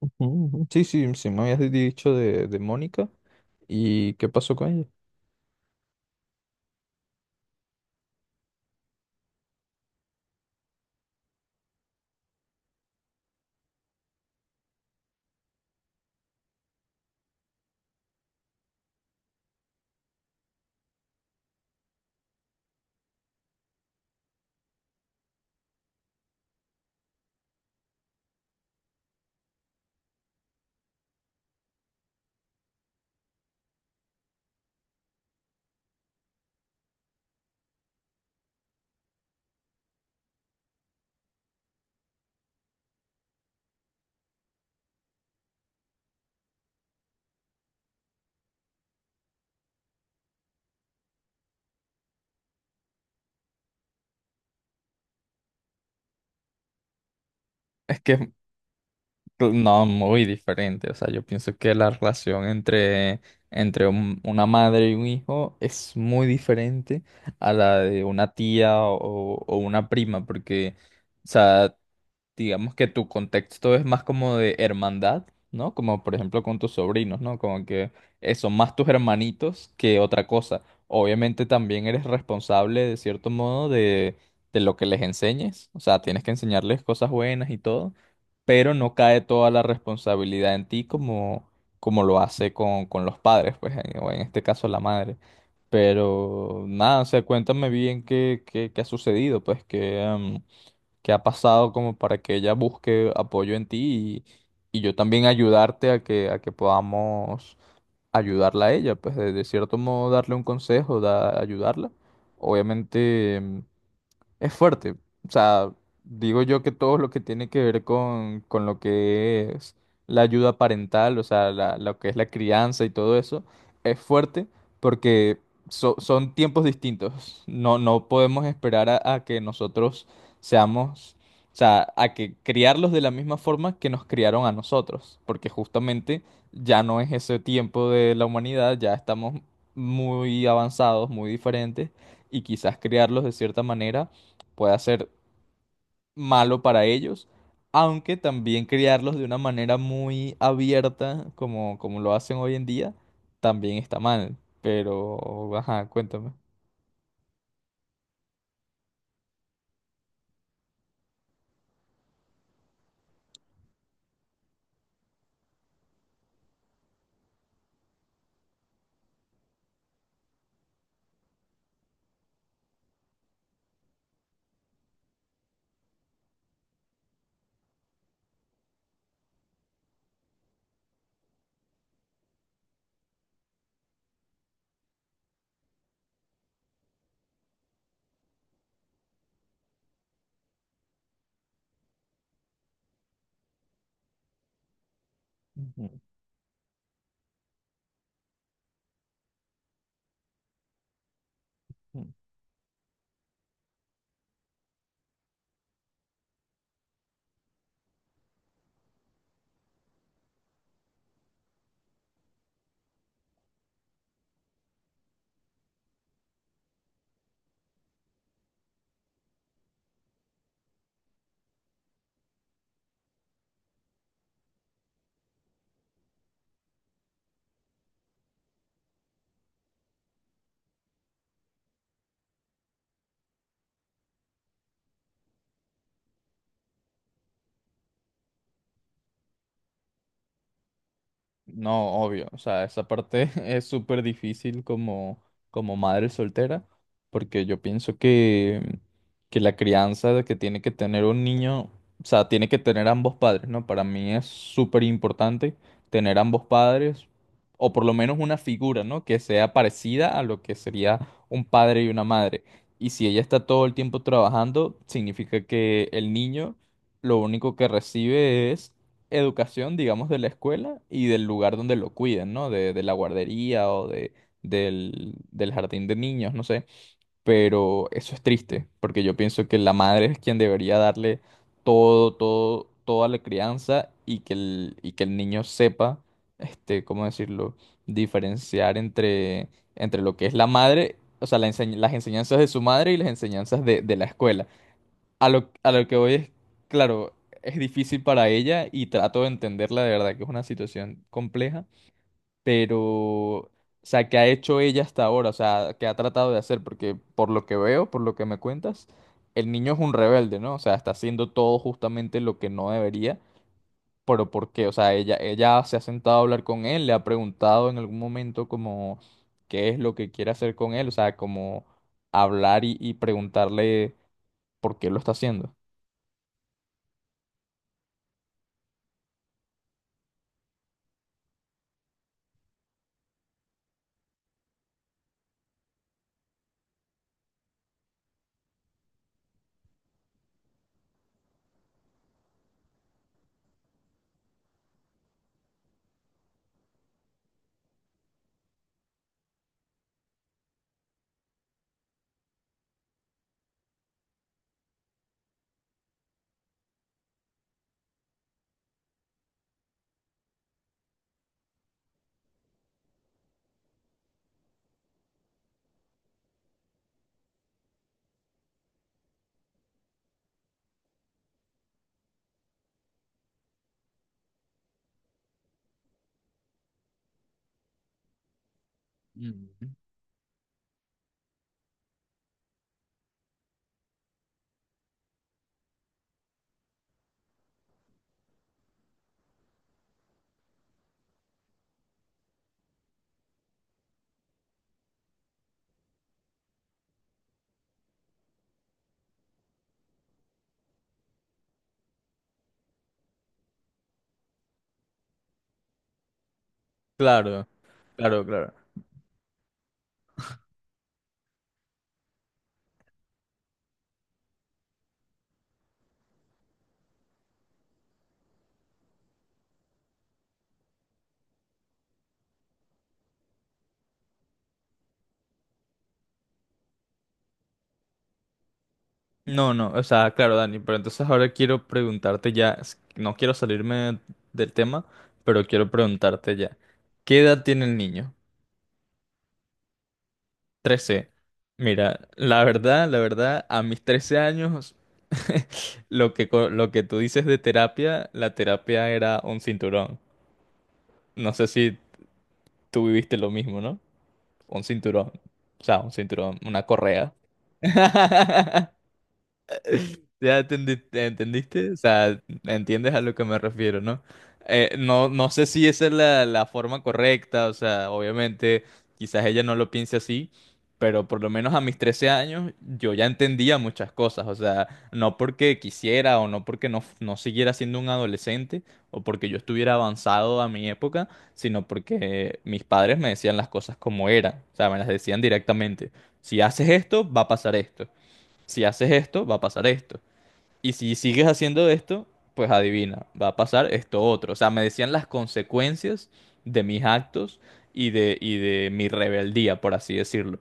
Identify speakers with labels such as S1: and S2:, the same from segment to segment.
S1: Ujú. Sí, sí, sí, me habías dicho de Mónica. ¿Y qué pasó con ella? Es que es no, muy diferente. O sea, yo pienso que la relación entre una madre y un hijo es muy diferente a la de una tía o una prima, porque, o sea, digamos que tu contexto es más como de hermandad, ¿no? Como por ejemplo con tus sobrinos, ¿no? Como que son más tus hermanitos que otra cosa. Obviamente también eres responsable de cierto modo de lo que les enseñes, o sea, tienes que enseñarles cosas buenas y todo, pero no cae toda la responsabilidad en ti como, como lo hace con los padres, pues, o en este caso la madre. Pero nada, o sea, cuéntame bien qué ha sucedido, pues que... qué ha pasado como para que ella busque apoyo en ti y yo también ayudarte a a que podamos ayudarla a ella, pues de cierto modo darle un consejo, ayudarla. Obviamente mm, es fuerte. O sea, digo yo que todo lo que tiene que ver con lo que es la ayuda parental, o sea, lo que es la crianza y todo eso, es fuerte porque son tiempos distintos. No, no podemos esperar a que nosotros seamos, o sea, a que criarlos de la misma forma que nos criaron a nosotros, porque justamente ya no es ese tiempo de la humanidad, ya estamos muy avanzados, muy diferentes, y quizás criarlos de cierta manera pueda ser malo para ellos, aunque también criarlos de una manera muy abierta, como, como lo hacen hoy en día, también está mal. Pero, ajá, cuéntame. Ujú. No, obvio, o sea, esa parte es súper difícil como, como madre soltera, porque yo pienso que la crianza de que tiene que tener un niño, o sea, tiene que tener ambos padres, ¿no? Para mí es súper importante tener ambos padres, o por lo menos una figura, ¿no? Que sea parecida a lo que sería un padre y una madre. Y si ella está todo el tiempo trabajando, significa que el niño lo único que recibe es educación, digamos, de la escuela y del lugar donde lo cuiden, ¿no? De la guardería o del del jardín de niños, no sé. Pero eso es triste, porque yo pienso que la madre es quien debería darle todo, todo, toda la crianza y que el niño sepa, este, ¿cómo decirlo? Diferenciar entre, entre lo que es la madre, o sea, las enseñanzas de su madre y las enseñanzas de la escuela. A lo que voy es, claro, es difícil para ella y trato de entenderla, de verdad que es una situación compleja, pero, o sea, ¿qué ha hecho ella hasta ahora? O sea, ¿qué ha tratado de hacer? Porque por lo que veo, por lo que me cuentas, el niño es un rebelde, ¿no? O sea, está haciendo todo justamente lo que no debería, pero ¿por qué? O sea, ella se ha sentado a hablar con él, le ha preguntado en algún momento como qué es lo que quiere hacer con él, o sea, como hablar y preguntarle por qué lo está haciendo. Claro, claro, claro. No, no, o sea, claro, Dani, pero entonces ahora quiero preguntarte ya, no quiero salirme del tema, pero quiero preguntarte ya, ¿qué edad tiene el niño? 13. Mira, la verdad, a mis 13 años, lo que, lo que tú dices de terapia, la terapia era un cinturón. No sé si tú viviste lo mismo, ¿no? Un cinturón, o sea, un cinturón, una correa. Ya entendiste, o sea, entiendes a lo que me refiero, ¿no? No, no sé si esa es la, la forma correcta, o sea, obviamente quizás ella no lo piense así, pero por lo menos a mis 13 años yo ya entendía muchas cosas, o sea, no porque quisiera o no porque no siguiera siendo un adolescente o porque yo estuviera avanzado a mi época, sino porque mis padres me decían las cosas como eran, o sea, me las decían directamente, si haces esto, va a pasar esto, si haces esto, va a pasar esto. Y si sigues haciendo esto, pues adivina, va a pasar esto otro. O sea, me decían las consecuencias de mis actos y de mi rebeldía, por así decirlo.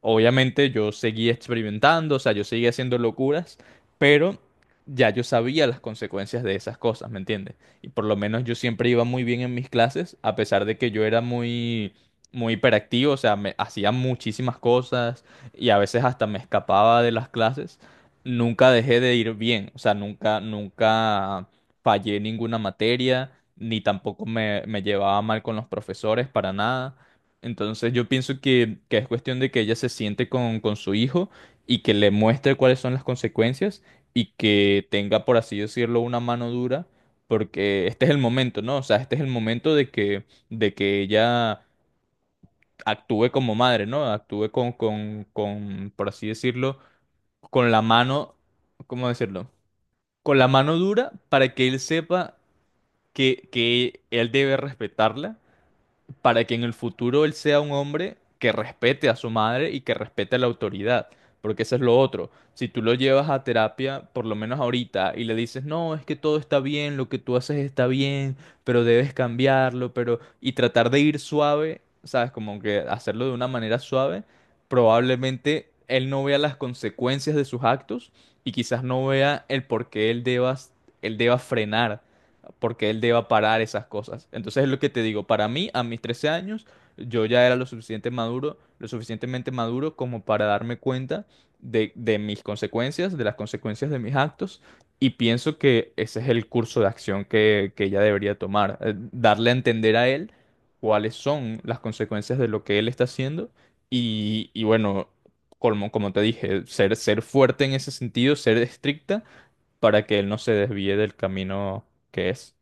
S1: Obviamente yo seguí experimentando, o sea, yo seguí haciendo locuras, pero ya yo sabía las consecuencias de esas cosas, ¿me entiendes? Y por lo menos yo siempre iba muy bien en mis clases, a pesar de que yo era muy, muy hiperactivo, o sea, me hacía muchísimas cosas y a veces hasta me escapaba de las clases. Nunca dejé de ir bien, o sea, nunca, nunca fallé ninguna materia, ni tampoco me llevaba mal con los profesores para nada. Entonces yo pienso que es cuestión de que ella se siente con su hijo y que le muestre cuáles son las consecuencias y que tenga, por así decirlo, una mano dura, porque este es el momento, ¿no? O sea, este es el momento de que ella actúe como madre, ¿no? Actúe con, por así decirlo, con la mano, ¿cómo decirlo? Con la mano dura para que él sepa que él debe respetarla para que en el futuro él sea un hombre que respete a su madre y que respete a la autoridad. Porque eso es lo otro. Si tú lo llevas a terapia, por lo menos ahorita, y le dices, no, es que todo está bien, lo que tú haces está bien, pero debes cambiarlo, pero... Y tratar de ir suave, ¿sabes? Como que hacerlo de una manera suave, probablemente él no vea las consecuencias de sus actos y quizás no vea el por qué él deba frenar porque él deba parar esas cosas. Entonces es lo que te digo, para mí, a mis 13 años, yo ya era lo suficiente maduro, lo suficientemente maduro como para darme cuenta de mis consecuencias, de las consecuencias de mis actos, y pienso que ese es el curso de acción que ella debería tomar, darle a entender a él cuáles son las consecuencias de lo que él está haciendo, y bueno, como, como te dije, ser, ser fuerte en ese sentido, ser estricta para que él no se desvíe del camino que es.